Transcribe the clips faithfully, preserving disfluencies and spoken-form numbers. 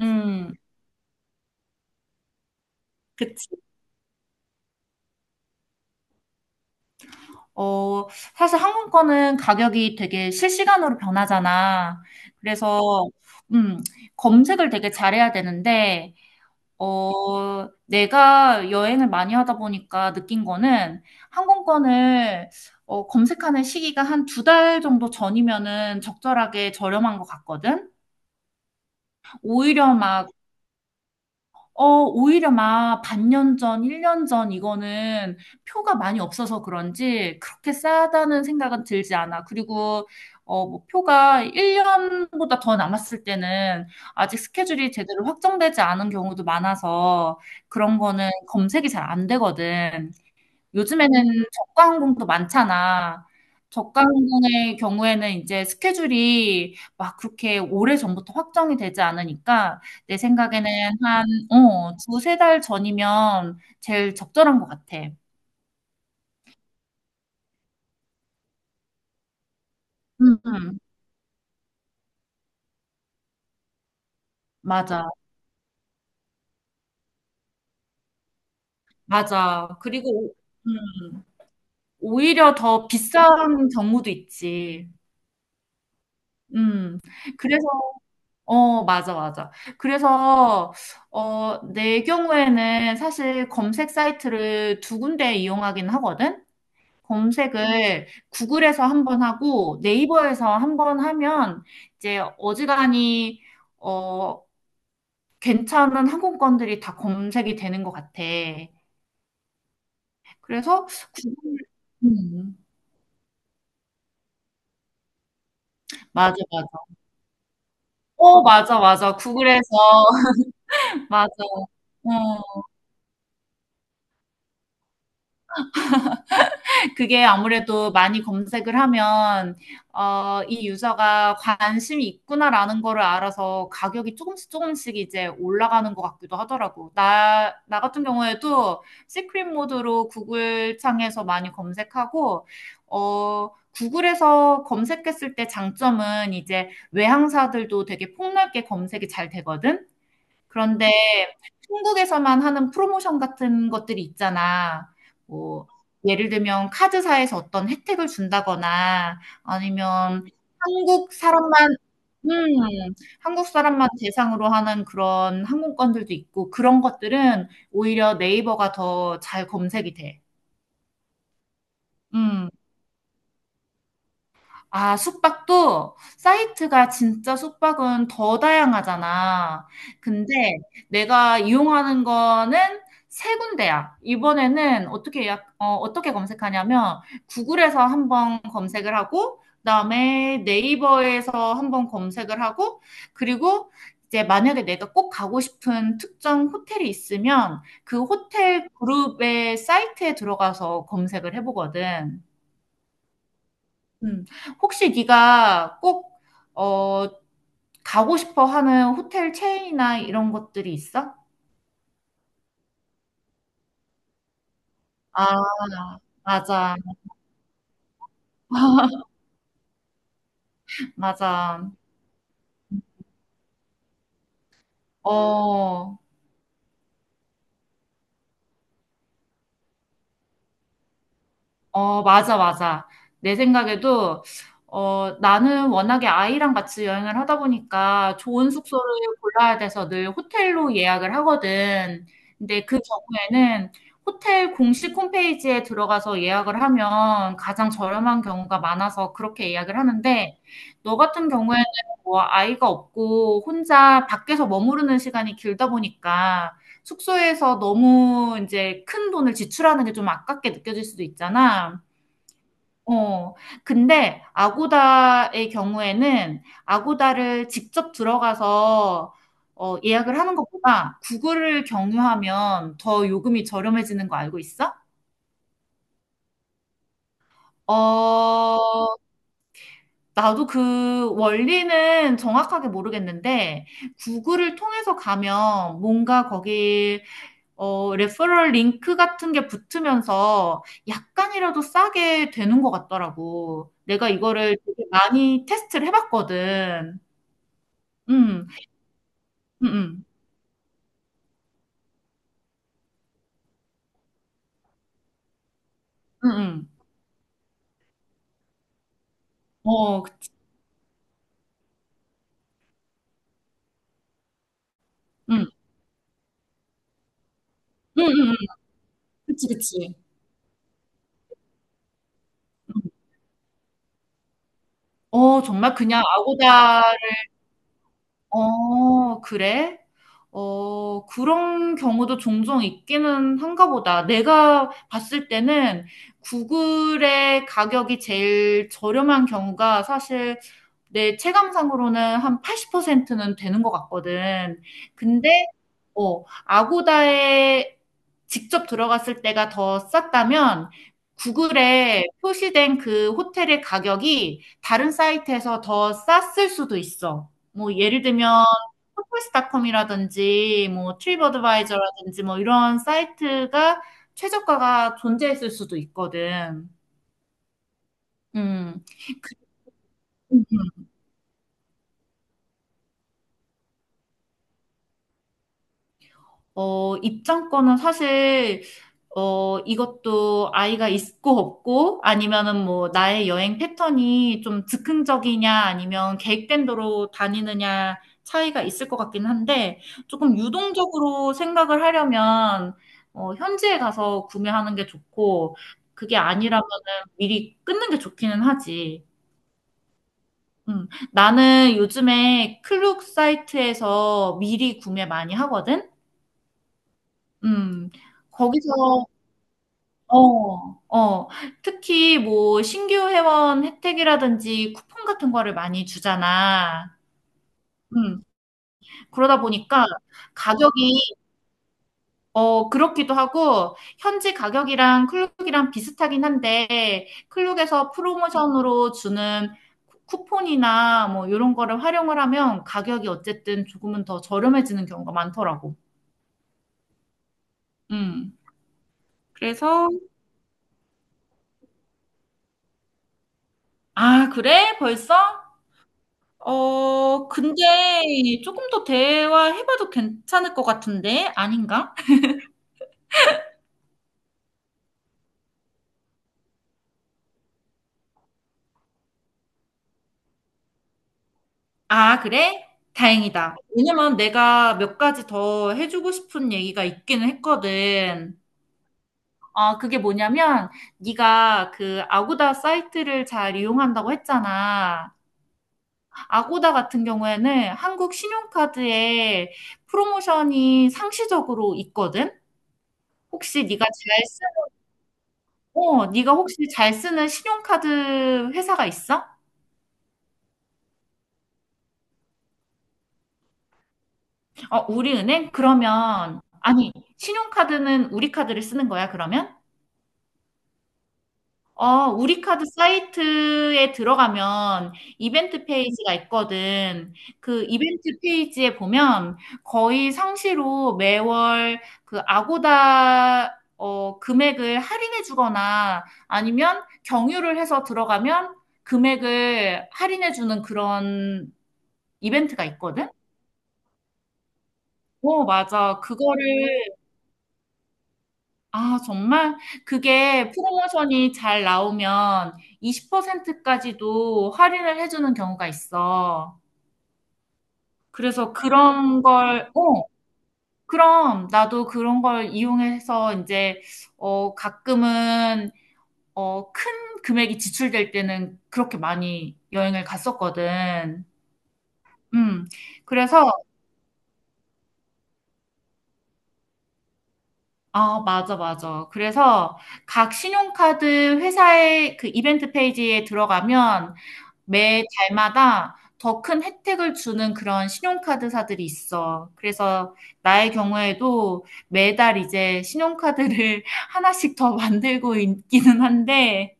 음, 그치. 어, 사실 항공권은 가격이 되게 실시간으로 변하잖아. 그래서, 음, 검색을 되게 잘해야 되는데, 어, 내가 여행을 많이 하다 보니까 느낀 거는 항공권을 어, 검색하는 시기가 한 두 달 정도 전이면은 적절하게 저렴한 것 같거든? 오히려 막 어, 오히려 막 반년 전, 일 년 전 이거는 표가 많이 없어서 그런지 그렇게 싸다는 생각은 들지 않아. 그리고 어, 뭐 표가 일 년보다 더 남았을 때는 아직 스케줄이 제대로 확정되지 않은 경우도 많아서 그런 거는 검색이 잘 안 되거든. 요즘에는 저가 항공도 많잖아. 저가 항공의 경우에는 이제 스케줄이 막 그렇게 오래전부터 확정이 되지 않으니까 내 생각에는 한, 어, 두세 달 전이면 제일 적절한 것 같아. 음, 음, 맞아, 맞아. 그리고, 오- 음, 오히려 더 비싼 경우도 있지. 음, 그래서 어, 맞아, 맞아. 그래서, 어, 내 경우에는 사실 검색 사이트를 두 군데 이용하긴 하거든? 검색을 구글에서 한번 하고 네이버에서 한번 하면 이제 어지간히, 어, 괜찮은 항공권들이 다 검색이 되는 것 같아. 그래서, 음, 맞아, 맞아. 어, 맞아, 맞아. 구글에서, 맞아. 어. 그게 아무래도 많이 검색을 하면 어, 이 유저가 관심이 있구나라는 거를 알아서 가격이 조금씩 조금씩 이제 올라가는 것 같기도 하더라고. 나, 나 같은 경우에도 시크릿 모드로 구글 창에서 많이 검색하고, 어, 구글에서 검색했을 때 장점은 이제 외항사들도 되게 폭넓게 검색이 잘 되거든? 그런데 한국에서만 하는 프로모션 같은 것들이 있잖아. 뭐 예를 들면 카드사에서 어떤 혜택을 준다거나 아니면 한국 사람만 음 한국 사람만 대상으로 하는 그런 항공권들도 있고 그런 것들은 오히려 네이버가 더 잘 검색이 돼. 음. 아, 숙박도 사이트가 진짜 숙박은 더 다양하잖아. 근데 내가 이용하는 거는 세 군데야. 이번에는 어떻게 예약, 어, 어떻게 검색하냐면 구글에서 한번 검색을 하고, 그다음에 네이버에서 한번 검색을 하고, 그리고 이제 만약에 내가 꼭 가고 싶은 특정 호텔이 있으면 그 호텔 그룹의 사이트에 들어가서 검색을 해보거든. 음. 혹시 네가 꼭, 어, 가고 싶어 하는 호텔 체인이나 이런 것들이 있어? 아, 맞아. 맞아. 어, 어, 맞아, 맞아. 내 생각에도, 어, 나는 워낙에 아이랑 같이 여행을 하다 보니까 좋은 숙소를 골라야 돼서 늘 호텔로 예약을 하거든. 근데 그 경우에는 호텔 공식 홈페이지에 들어가서 예약을 하면 가장 저렴한 경우가 많아서 그렇게 예약을 하는데, 너 같은 경우에는 뭐 아이가 없고 혼자 밖에서 머무르는 시간이 길다 보니까 숙소에서 너무 이제 큰 돈을 지출하는 게 좀 아깝게 느껴질 수도 있잖아. 어. 근데 아고다의 경우에는 아고다를 직접 들어가서 어 예약을 하는 것보다 구글을 경유하면 더 요금이 저렴해지는 거 알고 있어? 어. 나도 그 원리는 정확하게 모르겠는데 구글을 통해서 가면 뭔가 거기 어, 레퍼럴 링크 같은 게 붙으면서 약간이라도 싸게 되는 것 같더라고. 내가 이거를 되게 많이 테스트를 해봤거든. 응, 응, 응, 응, 응. 어, 그치. 응, 응, 응, 응. 그치, 그치. 응. 어, 정말 그냥 아고다를, 어, 그래? 어, 그런 경우도 종종 있기는 한가 보다. 내가 봤을 때는 구글의 가격이 제일 저렴한 경우가 사실 내 체감상으로는 한 팔십 퍼센트는 되는 것 같거든. 근데 어, 아고다에 직접 들어갔을 때가 더 쌌다면 구글에 표시된 그 호텔의 가격이 다른 사이트에서 더 쌌을 수도 있어. 뭐 예를 들면 호텔스닷컴이라든지 뭐 트립어드바이저라든지 뭐 이런 사이트가 최저가가 존재했을 수도 있거든. 음. 그- 어, 입장권은 사실 어, 이것도 아이가 있고 없고 아니면은 뭐 나의 여행 패턴이 좀 즉흥적이냐 아니면 계획된 대로 다니느냐 차이가 있을 것 같긴 한데 조금 유동적으로 생각을 하려면 어, 현지에 가서 구매하는 게 좋고 그게 아니라면은 미리 끊는 게 좋기는 하지. 음, 나는 요즘에 클룩 사이트에서 미리 구매 많이 하거든. 음, 거기서 어, 어. 특히 뭐 신규 회원 혜택이라든지 쿠폰 같은 거를 많이 주잖아. 음. 그러다 보니까 가격이 어 그렇기도 하고 현지 가격이랑 클룩이랑 비슷하긴 한데 클룩에서 프로모션으로 주는 쿠- 쿠폰이나 뭐 이런 거를 활용을 하면 가격이 어쨌든 조금은 더 저렴해지는 경우가 많더라고. 음. 그래서 아, 그래? 벌써? 어, 근데 조금 더 대화해봐도 괜찮을 것 같은데? 아닌가? 아, 그래? 다행이다. 왜냐면 내가 몇 가지 더 해주고 싶은 얘기가 있기는 했거든. 어 그게 뭐냐면, 네가 그 아고다 사이트를 잘 이용한다고 했잖아. 아고다 같은 경우에는 한국 신용카드에 프로모션이 상시적으로 있거든? 혹시 네가 잘 쓰, 어, 네가 혹시 잘 쓰는 신용카드 회사가 있어? 어, 우리은행? 그러면, 아니, 신용카드는 우리 카드를 쓰는 거야, 그러면? 어, 우리 카드 사이트에 들어가면 이벤트 페이지가 있거든. 그 이벤트 페이지에 보면 거의 상시로 매월 그 아고다, 어, 금액을 할인해 주거나 아니면 경유를 해서 들어가면 금액을 할인해 주는 그런 이벤트가 있거든? 어, 맞아. 그거를 아, 정말? 그게 프로모션이 잘 나오면 이십 퍼센트까지도 할인을 해주는 경우가 있어. 그래서 그런 걸, 어, 그럼 나도 그런 걸 이용해서 이제, 어, 가끔은, 어, 큰 금액이 지출될 때는 그렇게 많이 여행을 갔었거든. 음, 그래서, 아, 맞아, 맞아. 그래서 각 신용카드 회사의 그 이벤트 페이지에 들어가면 매 달마다 더 큰 혜택을 주는 그런 신용카드사들이 있어. 그래서 나의 경우에도 매달 이제 신용카드를 하나씩 더 만들고 있기는 한데,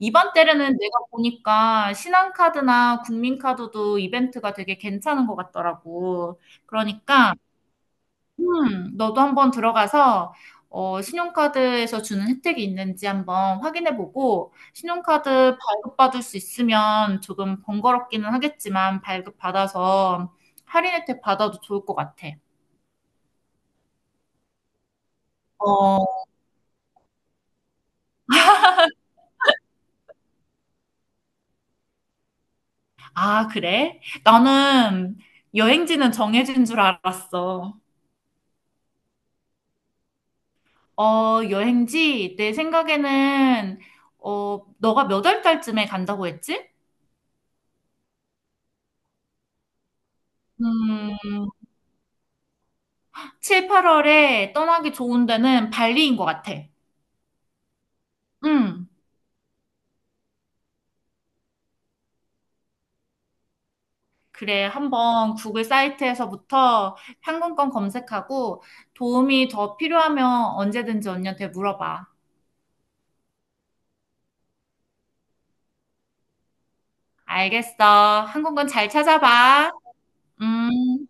이번 때는 내가 보니까 신한카드나 국민카드도 이벤트가 되게 괜찮은 것 같더라고. 그러니까 음, 너도 한번 들어가서 어, 신용카드에서 주는 혜택이 있는지 한번 확인해보고 신용카드 발급받을 수 있으면 조금 번거롭기는 하겠지만 발급받아서 할인 혜택 받아도 좋을 것 같아. 어, 아, 그래? 나는 여행지는 정해진 줄 알았어. 어, 여행지 내 생각에는 어, 너가 몇 월 달쯤에 간다고 했지? 음, 칠, 팔월에 떠나기 좋은 데는 발리인 것 같아. 음 그래, 한번 구글 사이트에서부터 항공권 검색하고 도움이 더 필요하면 언제든지 언니한테 물어봐. 알겠어. 항공권 잘 찾아봐. 음.